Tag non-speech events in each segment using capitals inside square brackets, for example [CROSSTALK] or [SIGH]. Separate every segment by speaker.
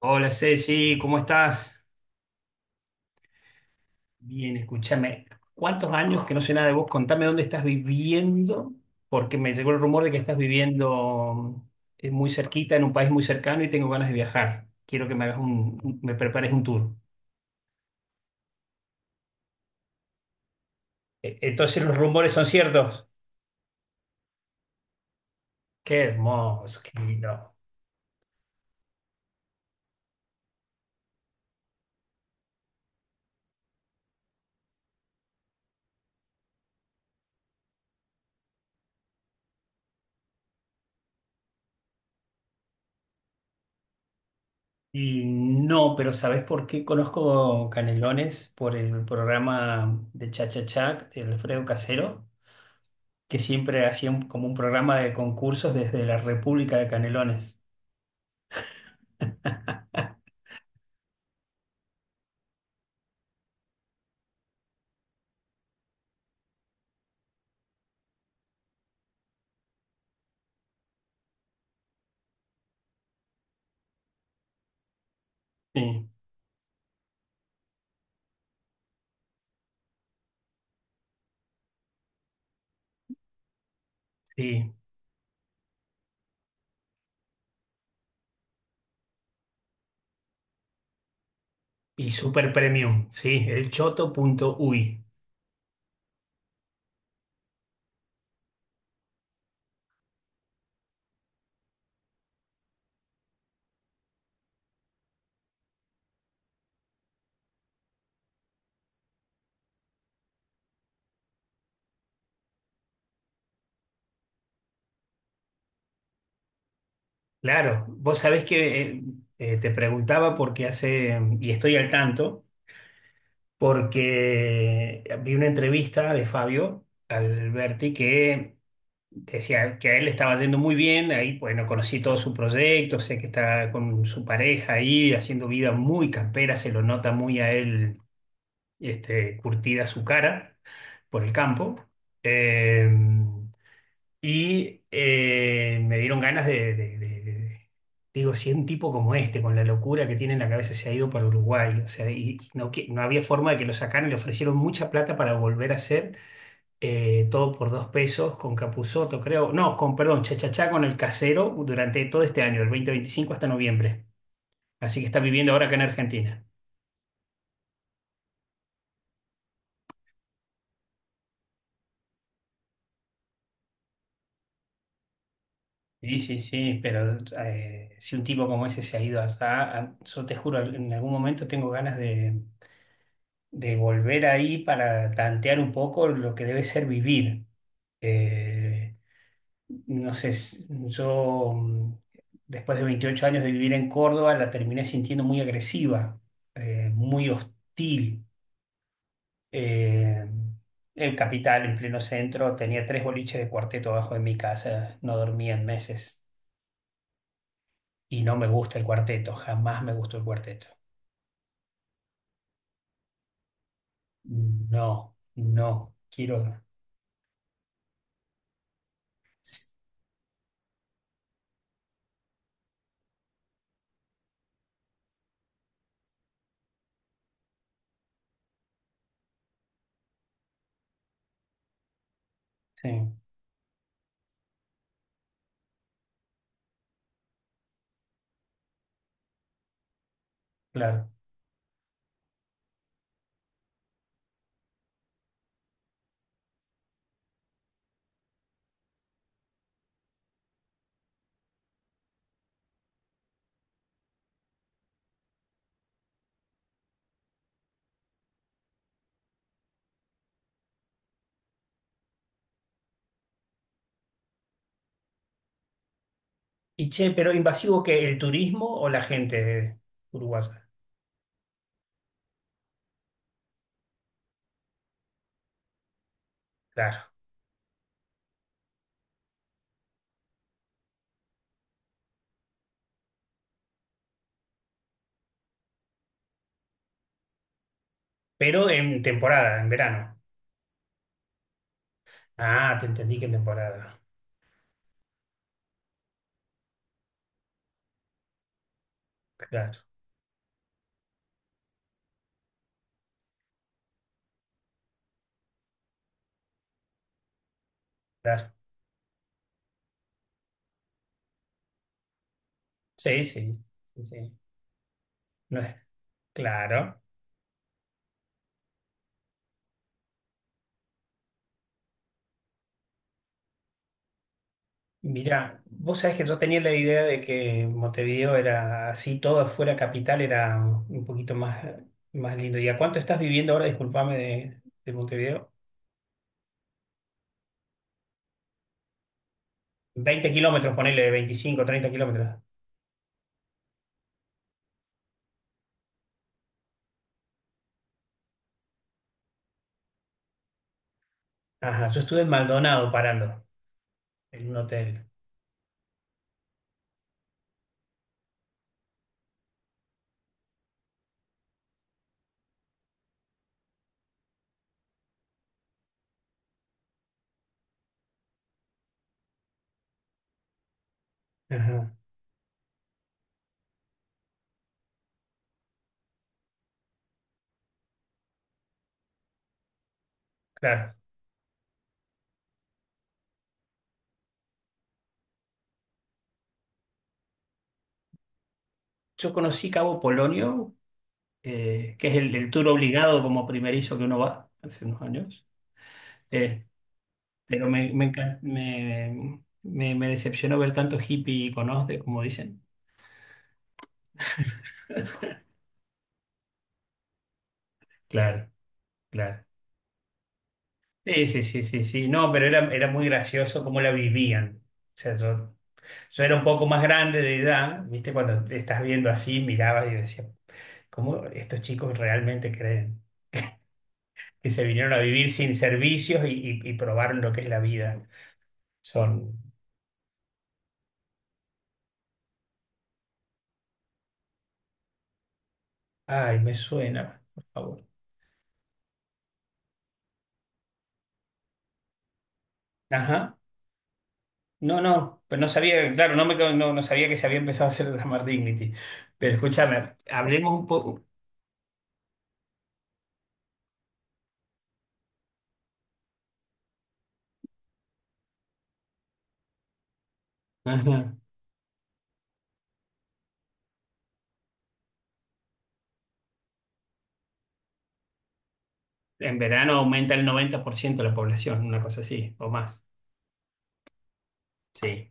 Speaker 1: Hola Ceci, ¿cómo estás? Bien, escúchame. ¿Cuántos años que no sé nada de vos? Contame dónde estás viviendo, porque me llegó el rumor de que estás viviendo muy cerquita, en un país muy cercano y tengo ganas de viajar. Quiero que me prepares un tour. Entonces los rumores son ciertos. Qué hermoso, qué lindo. Y no, pero ¿sabés por qué conozco Canelones por el programa de Cha Cha Cha, de Alfredo Casero? Que siempre hacía como un programa de concursos desde la República de Canelones. Sí, sí. Y super premium, sí, el choto punto uy. Claro, vos sabés que te preguntaba porque hace, y estoy al tanto, porque vi una entrevista de Fabio Alberti que decía que a él le estaba yendo muy bien, ahí bueno, conocí todo su proyecto, sé que está con su pareja ahí haciendo vida muy campera, se lo nota muy a él curtida su cara por el campo. Eh, y me dieron ganas digo, si un tipo como este, con la locura que tiene en la cabeza, se ha ido para Uruguay, o sea. Y no, no había forma de que lo sacaran, le ofrecieron mucha plata para volver a hacer todo por dos pesos con Capuzoto, creo, no, con, perdón, Chachachá con el casero durante todo este año, del 2025 hasta noviembre. Así que está viviendo ahora acá en Argentina. Sí, sí, sí, pero si un tipo como ese se ha ido allá, yo te juro, en algún momento tengo ganas de volver ahí para tantear un poco lo que debe ser vivir. Eh, no sé, yo, después de 28 años de vivir en Córdoba la terminé sintiendo muy agresiva, muy hostil. Eh, el capital en pleno centro tenía tres boliches de cuarteto abajo de mi casa, no dormía en meses. Y no me gusta el cuarteto, jamás me gustó el cuarteto. No, no, quiero. Sí, claro. Y che, pero invasivo que el turismo o la gente uruguaya. Claro. Pero en temporada, en verano. Ah, te entendí que en temporada. Claro, claro. Sí, sí, sí, sí. No es. Claro. Mirá, vos sabés que yo tenía la idea de que Montevideo era así, todo fuera capital, era un poquito más lindo. ¿Y a cuánto estás viviendo ahora? Disculpame de Montevideo. 20 kilómetros, ponele 25, 30 kilómetros. Ajá, yo estuve en Maldonado parando en un hotel. Ajá, claro. Yo conocí Cabo Polonio, que es el tour obligado como primerizo que uno va hace unos años. Eh, pero me, encan- me decepcionó ver tanto hippie y conoce, como dicen. Claro, claro. Sí, sí, sí, sí, sí. No, pero era muy gracioso cómo la vivían. O sea, yo era un poco más grande de edad, ¿viste? Cuando estás viendo así, mirabas y decías, ¿cómo estos chicos realmente creen que se vinieron a vivir sin servicios y probaron lo que es la vida? Son, ay, me suena, por favor. Ajá. No, no, pero no sabía, claro, no, me, no, no sabía que se había empezado a hacer llamar Dignity. Pero escúchame, hablemos un poco. [LAUGHS] En verano aumenta el 90% la población, una cosa así, o más. Sí.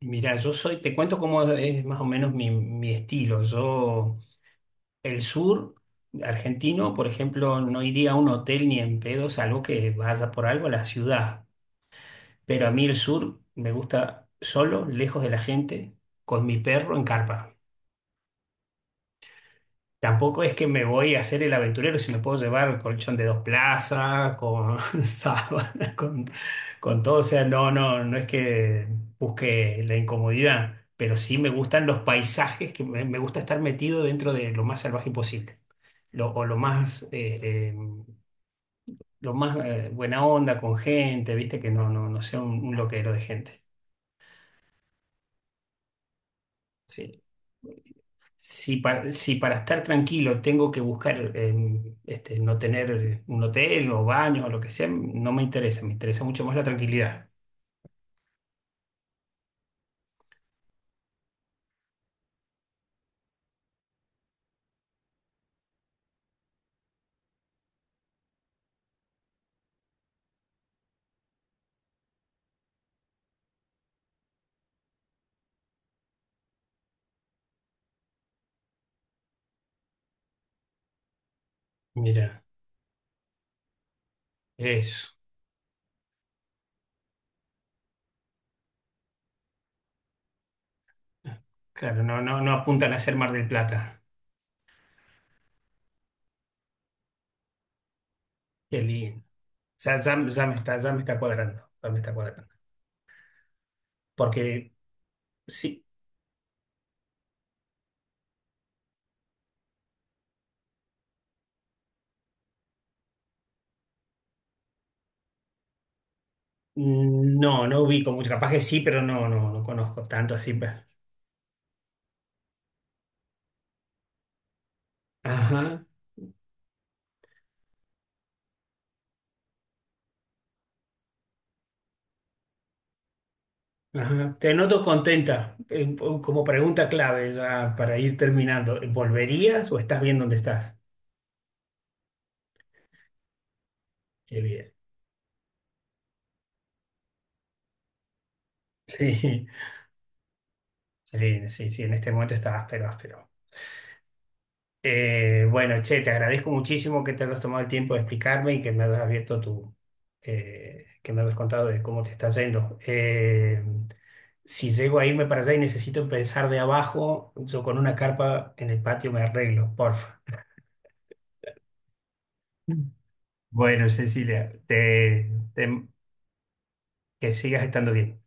Speaker 1: Mira, yo soy, te cuento cómo es más o menos mi estilo. Yo, el sur argentino, por ejemplo, no iría a un hotel ni en pedo, salvo que vaya por algo a la ciudad. Pero a mí el sur me gusta solo, lejos de la gente, con mi perro en carpa. Tampoco es que me voy a hacer el aventurero si me puedo llevar colchón de dos plazas, con [LAUGHS] sábana, con todo. O sea, no, no, no es que busque la incomodidad, pero sí me gustan los paisajes, que me gusta estar metido dentro de lo más salvaje posible. O lo más, buena onda con gente, viste, que no sea un loquero de gente. Sí. Si para estar tranquilo tengo que buscar no tener un hotel o baño o lo que sea, no me interesa, me interesa mucho más la tranquilidad. Mira, eso. Claro, no, no, no apuntan a ser Mar del Plata. Qué lindo. O sea, ya me está cuadrando. Porque sí, no ubico mucho, capaz que sí, pero no conozco tanto así, pues. Ajá, ajá. Te noto contenta, como pregunta clave ya para ir terminando. ¿Volverías o estás bien donde estás? Qué bien. Sí, sí, sí, sí, en este momento está áspero, áspero. Bueno, che, te agradezco muchísimo que te hayas tomado el tiempo de explicarme y que me hayas abierto que me hayas contado de cómo te está yendo. Si llego a irme para allá y necesito empezar de abajo, yo con una carpa en el patio me arreglo, porfa. [LAUGHS] Bueno, Cecilia, te que sigas estando bien.